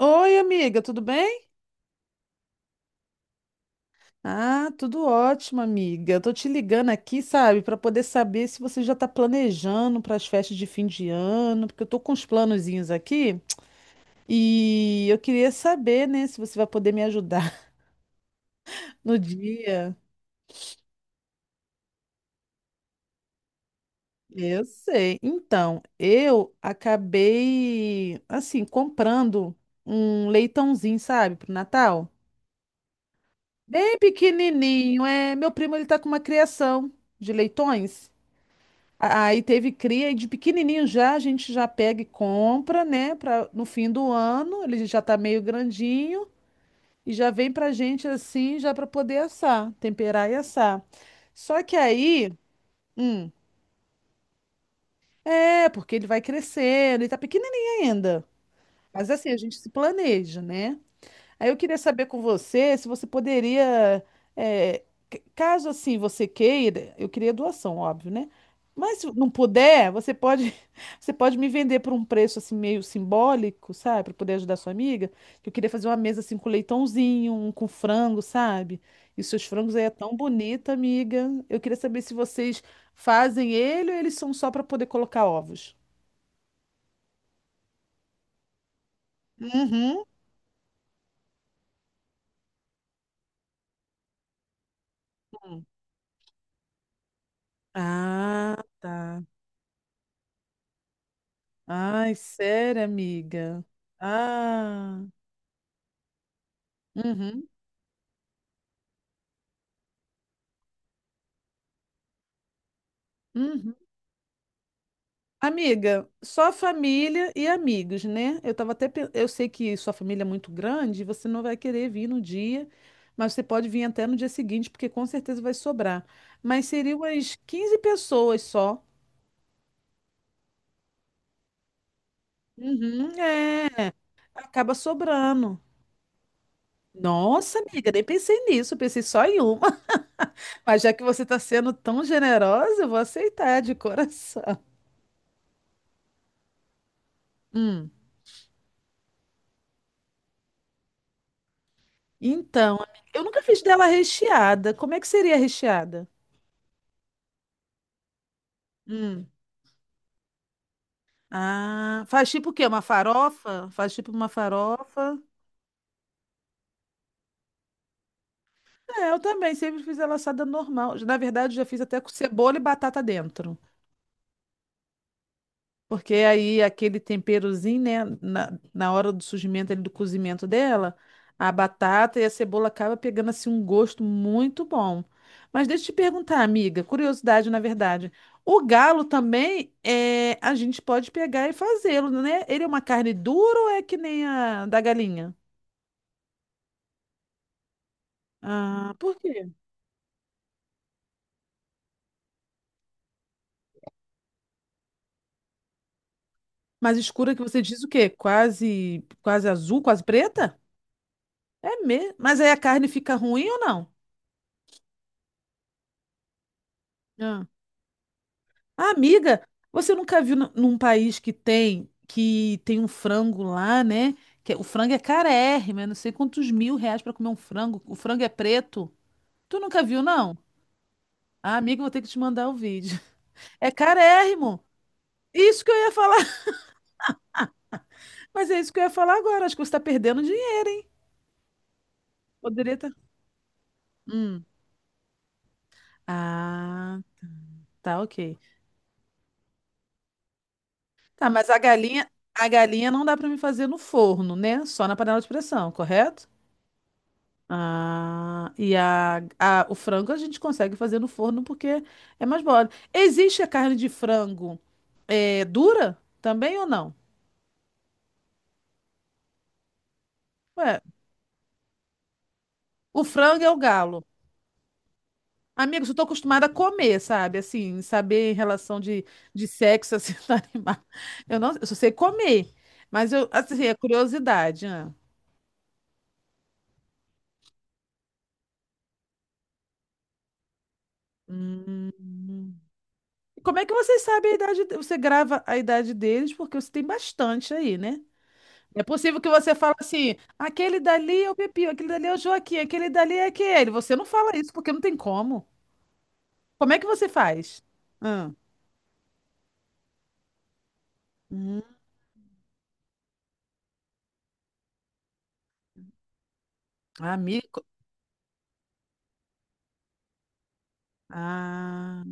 Oi, amiga, tudo bem? Ah, tudo ótimo, amiga. Eu tô te ligando aqui, sabe, para poder saber se você já tá planejando para as festas de fim de ano, porque eu tô com uns planozinhos aqui e eu queria saber, né, se você vai poder me ajudar no dia. Eu sei. Então, eu acabei, assim, comprando um leitãozinho, sabe, pro Natal. Bem pequenininho, é. Meu primo, ele tá com uma criação de leitões. Aí teve cria e de pequenininho já a gente já pega e compra, né? Pra, no fim do ano, ele já tá meio grandinho e já vem pra gente assim, já pra poder assar, temperar e assar. Só que aí, hum, é, porque ele vai crescendo, ele tá pequenininho ainda. Mas assim, a gente se planeja, né? Aí eu queria saber com você se você poderia, eh, caso assim você queira, eu queria doação, óbvio, né? Mas se não puder, você pode, você pode me vender por um preço assim meio simbólico, sabe? Para poder ajudar sua amiga. Que eu queria fazer uma mesa assim com leitãozinho, um com frango, sabe? E seus frangos aí é tão bonita, amiga. Eu queria saber se vocês fazem ele ou eles são só para poder colocar ovos. Uhum. Ah, tá. Ai, sério, amiga? Ah, uhum, uhum. Amiga, só família e amigos, né? Eu tava até, pe- eu sei que sua família é muito grande, você não vai querer vir no dia, mas você pode vir até no dia seguinte, porque com certeza vai sobrar. Mas seriam umas 15 pessoas só. Uhum, é, acaba sobrando. Nossa, amiga, nem pensei nisso, eu pensei só em uma. Mas já que você está sendo tão generosa, eu vou aceitar de coração. Hum. Então, amiga, eu nunca fiz dela recheada. Como é que seria recheada? Hum. Ah, faz tipo o quê? Uma farofa? Faz tipo uma farofa. É, eu também sempre fiz ela assada normal. Na verdade, já fiz até com cebola e batata dentro. Porque aí aquele temperozinho, né, na hora do surgimento ali, do cozimento dela, a batata e a cebola acaba pegando assim um gosto muito bom. Mas deixa eu te perguntar, amiga, curiosidade na verdade. O galo também é, a gente pode pegar e fazê-lo, né? Ele é uma carne dura ou é que nem a da galinha? Ah, por quê? Mais escura que você diz o quê? Quase, quase azul, quase preta? É mesmo. Mas aí a carne fica ruim ou não? Ah. Ah, amiga, você nunca viu num país que tem um frango lá, né? O frango é carérrimo, é não sei quantos mil reais pra comer um frango. O frango é preto. Tu nunca viu, não? Ah, amiga, eu vou ter que te mandar o vídeo. É carérrimo. Isso que eu ia falar. Mas é isso que eu ia falar agora. Acho que você tá perdendo dinheiro, hein? Poderia estar. Ah, tá, ok. Tá, mas a galinha não dá pra me fazer no forno, né? Só na panela de pressão, correto? Ah, e o frango a gente consegue fazer no forno porque é mais mole. Existe a carne de frango dura também ou não? Ué, o frango é o galo. Amigos, eu tô acostumada a comer, sabe? Assim, saber em relação de sexo, assim, do animal. Eu não, eu só sei comer. Mas eu, assim, é curiosidade, né? Hum. Como é que vocês sabem a idade? Você grava a idade deles porque você tem bastante aí, né? É possível que você fale assim, aquele dali é o Pepinho, aquele dali é o Joaquim, aquele dali é aquele. Você não fala isso porque não tem como. Como é que você faz? Ah, hum, amiga, co- ah,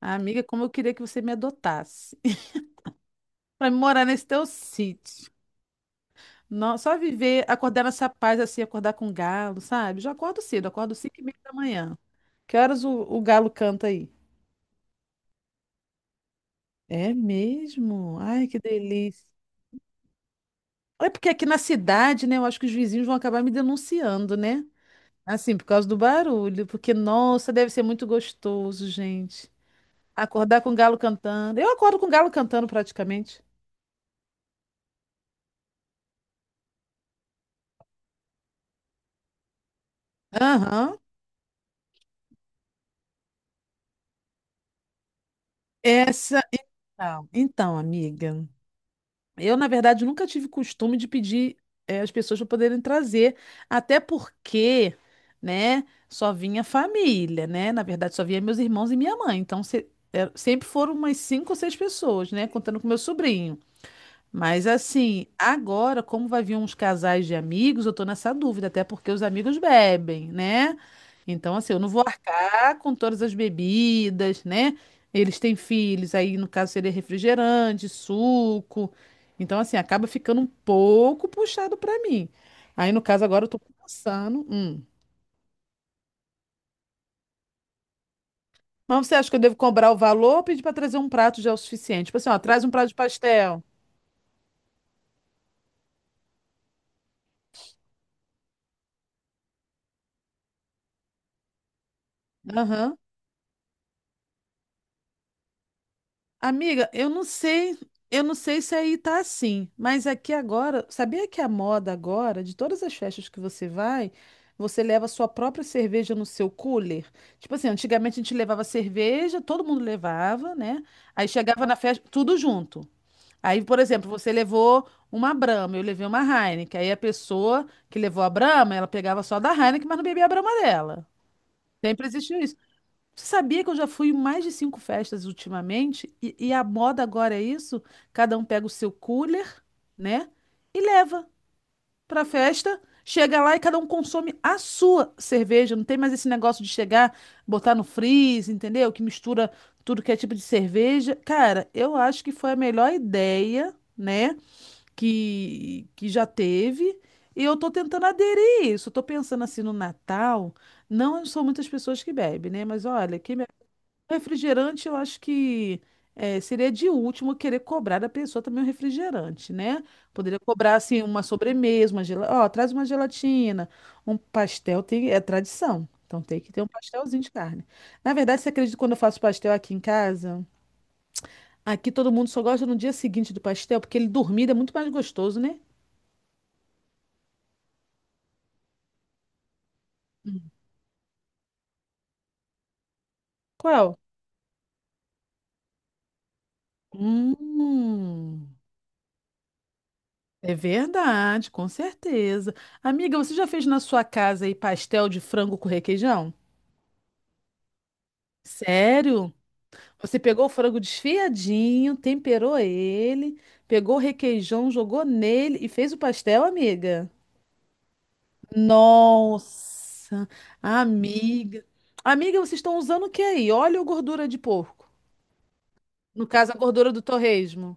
amiga, como eu queria que você me adotasse para morar nesse teu sítio. Não, só viver, acordar nessa paz assim, acordar com galo, sabe? Já acordo cedo, acordo 5h30 da manhã. Que horas o galo canta aí? É mesmo? Ai, que delícia. É porque aqui na cidade, né, eu acho que os vizinhos vão acabar me denunciando, né? Assim, por causa do barulho, porque, nossa, deve ser muito gostoso, gente. Acordar com o galo cantando. Eu acordo com o galo cantando praticamente. Aham. Essa. Então, amiga, eu, na verdade, nunca tive costume de pedir as pessoas para poderem trazer, até porque, né, só vinha família, né? Na verdade, só vinha meus irmãos e minha mãe. Então, sempre foram umas cinco ou seis pessoas, né? Contando com meu sobrinho. Mas assim, agora, como vai vir uns casais de amigos, eu tô nessa dúvida, até porque os amigos bebem, né? Então, assim, eu não vou arcar com todas as bebidas, né? Eles têm filhos, aí no caso seria refrigerante, suco. Então, assim, acaba ficando um pouco puxado pra mim. Aí, no caso, agora eu tô pensando. Mas você acha que eu devo cobrar o valor ou pedir pra trazer um prato já é o suficiente? Tipo assim, ó, traz um prato de pastel. Aham. Amiga, eu não sei se aí tá assim, mas aqui agora, sabia que a moda agora, de todas as festas que você vai, você leva a sua própria cerveja no seu cooler? Tipo assim, antigamente a gente levava cerveja, todo mundo levava, né? Aí chegava na festa, tudo junto. Aí, por exemplo, você levou uma Brahma, eu levei uma Heineken. Aí a pessoa que levou a Brahma, ela pegava só da Heineken, mas não bebia a Brahma dela. Sempre existiu isso. Você sabia que eu já fui em mais de cinco festas ultimamente? E a moda agora é isso? Cada um pega o seu cooler, né? E leva pra festa. Chega lá e cada um consome a sua cerveja. Não tem mais esse negócio de chegar, botar no freeze, entendeu? Que mistura tudo que é tipo de cerveja. Cara, eu acho que foi a melhor ideia, né? Que já teve. E eu tô tentando aderir a isso. Eu tô pensando assim no Natal. Não são muitas pessoas que bebem, né? Mas olha, que refrigerante, eu acho que seria de último querer cobrar da pessoa também um refrigerante, né? Poderia cobrar, assim, uma sobremesa, uma gelatina. Ó, traz uma gelatina, um pastel, tem, é tradição. Então tem que ter um pastelzinho de carne. Na verdade, você acredita que quando eu faço pastel aqui em casa? Aqui todo mundo só gosta no dia seguinte do pastel, porque ele dormido é muito mais gostoso, né? Qual? Hum, é verdade, com certeza. Amiga, você já fez na sua casa aí pastel de frango com requeijão? Sério? Você pegou o frango desfiadinho, temperou ele, pegou o requeijão, jogou nele e fez o pastel, amiga? Nossa, amiga. Amiga, vocês estão usando o que aí? Óleo ou gordura de porco? No caso, a gordura do torresmo.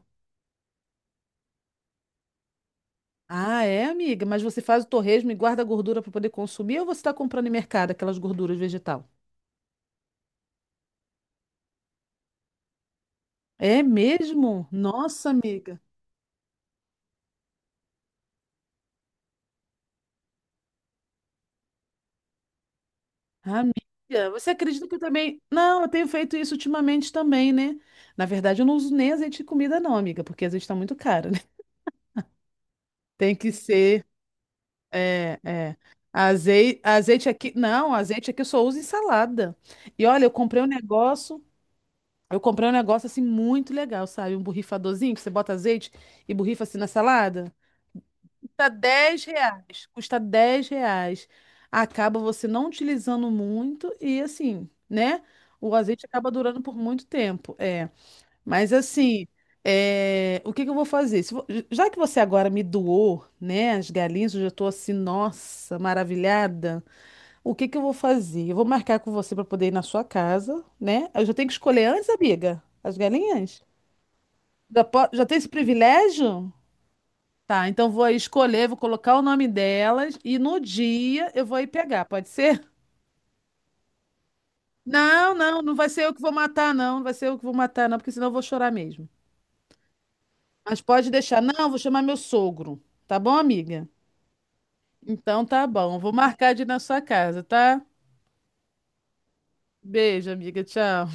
Ah, é, amiga? Mas você faz o torresmo e guarda a gordura para poder consumir ou você está comprando em mercado aquelas gorduras vegetal? É mesmo? Nossa, amiga. Amiga, você acredita que eu também. Não, eu tenho feito isso ultimamente também, né? Na verdade, eu não uso nem azeite de comida, não, amiga, porque azeite tá muito caro, né? Tem que ser. É, é. Azeite, azeite aqui. Não, azeite aqui eu só uso em salada. E olha, eu comprei um negócio. Eu comprei um negócio assim muito legal, sabe? Um borrifadorzinho que você bota azeite e borrifa assim na salada. Custa R$ 10. Custa 10 reais. Acaba você não utilizando muito e assim, né? O azeite acaba durando por muito tempo. É. Mas assim, é, o que que eu vou fazer? Se vo- Já que você agora me doou, né, as galinhas, eu já tô assim, nossa, maravilhada. O que que eu vou fazer? Eu vou marcar com você para poder ir na sua casa, né? Eu já tenho que escolher antes, amiga, as galinhas? Já, po- já tem esse privilégio? Tá, então vou aí escolher, vou colocar o nome delas e no dia eu vou aí pegar, pode ser? Não, não, não vai ser eu que vou matar, não. Não vai ser eu que vou matar, não, porque senão eu vou chorar mesmo. Mas pode deixar. Não, vou chamar meu sogro. Tá bom, amiga? Então tá bom. Vou marcar de ir na sua casa, tá? Beijo, amiga. Tchau.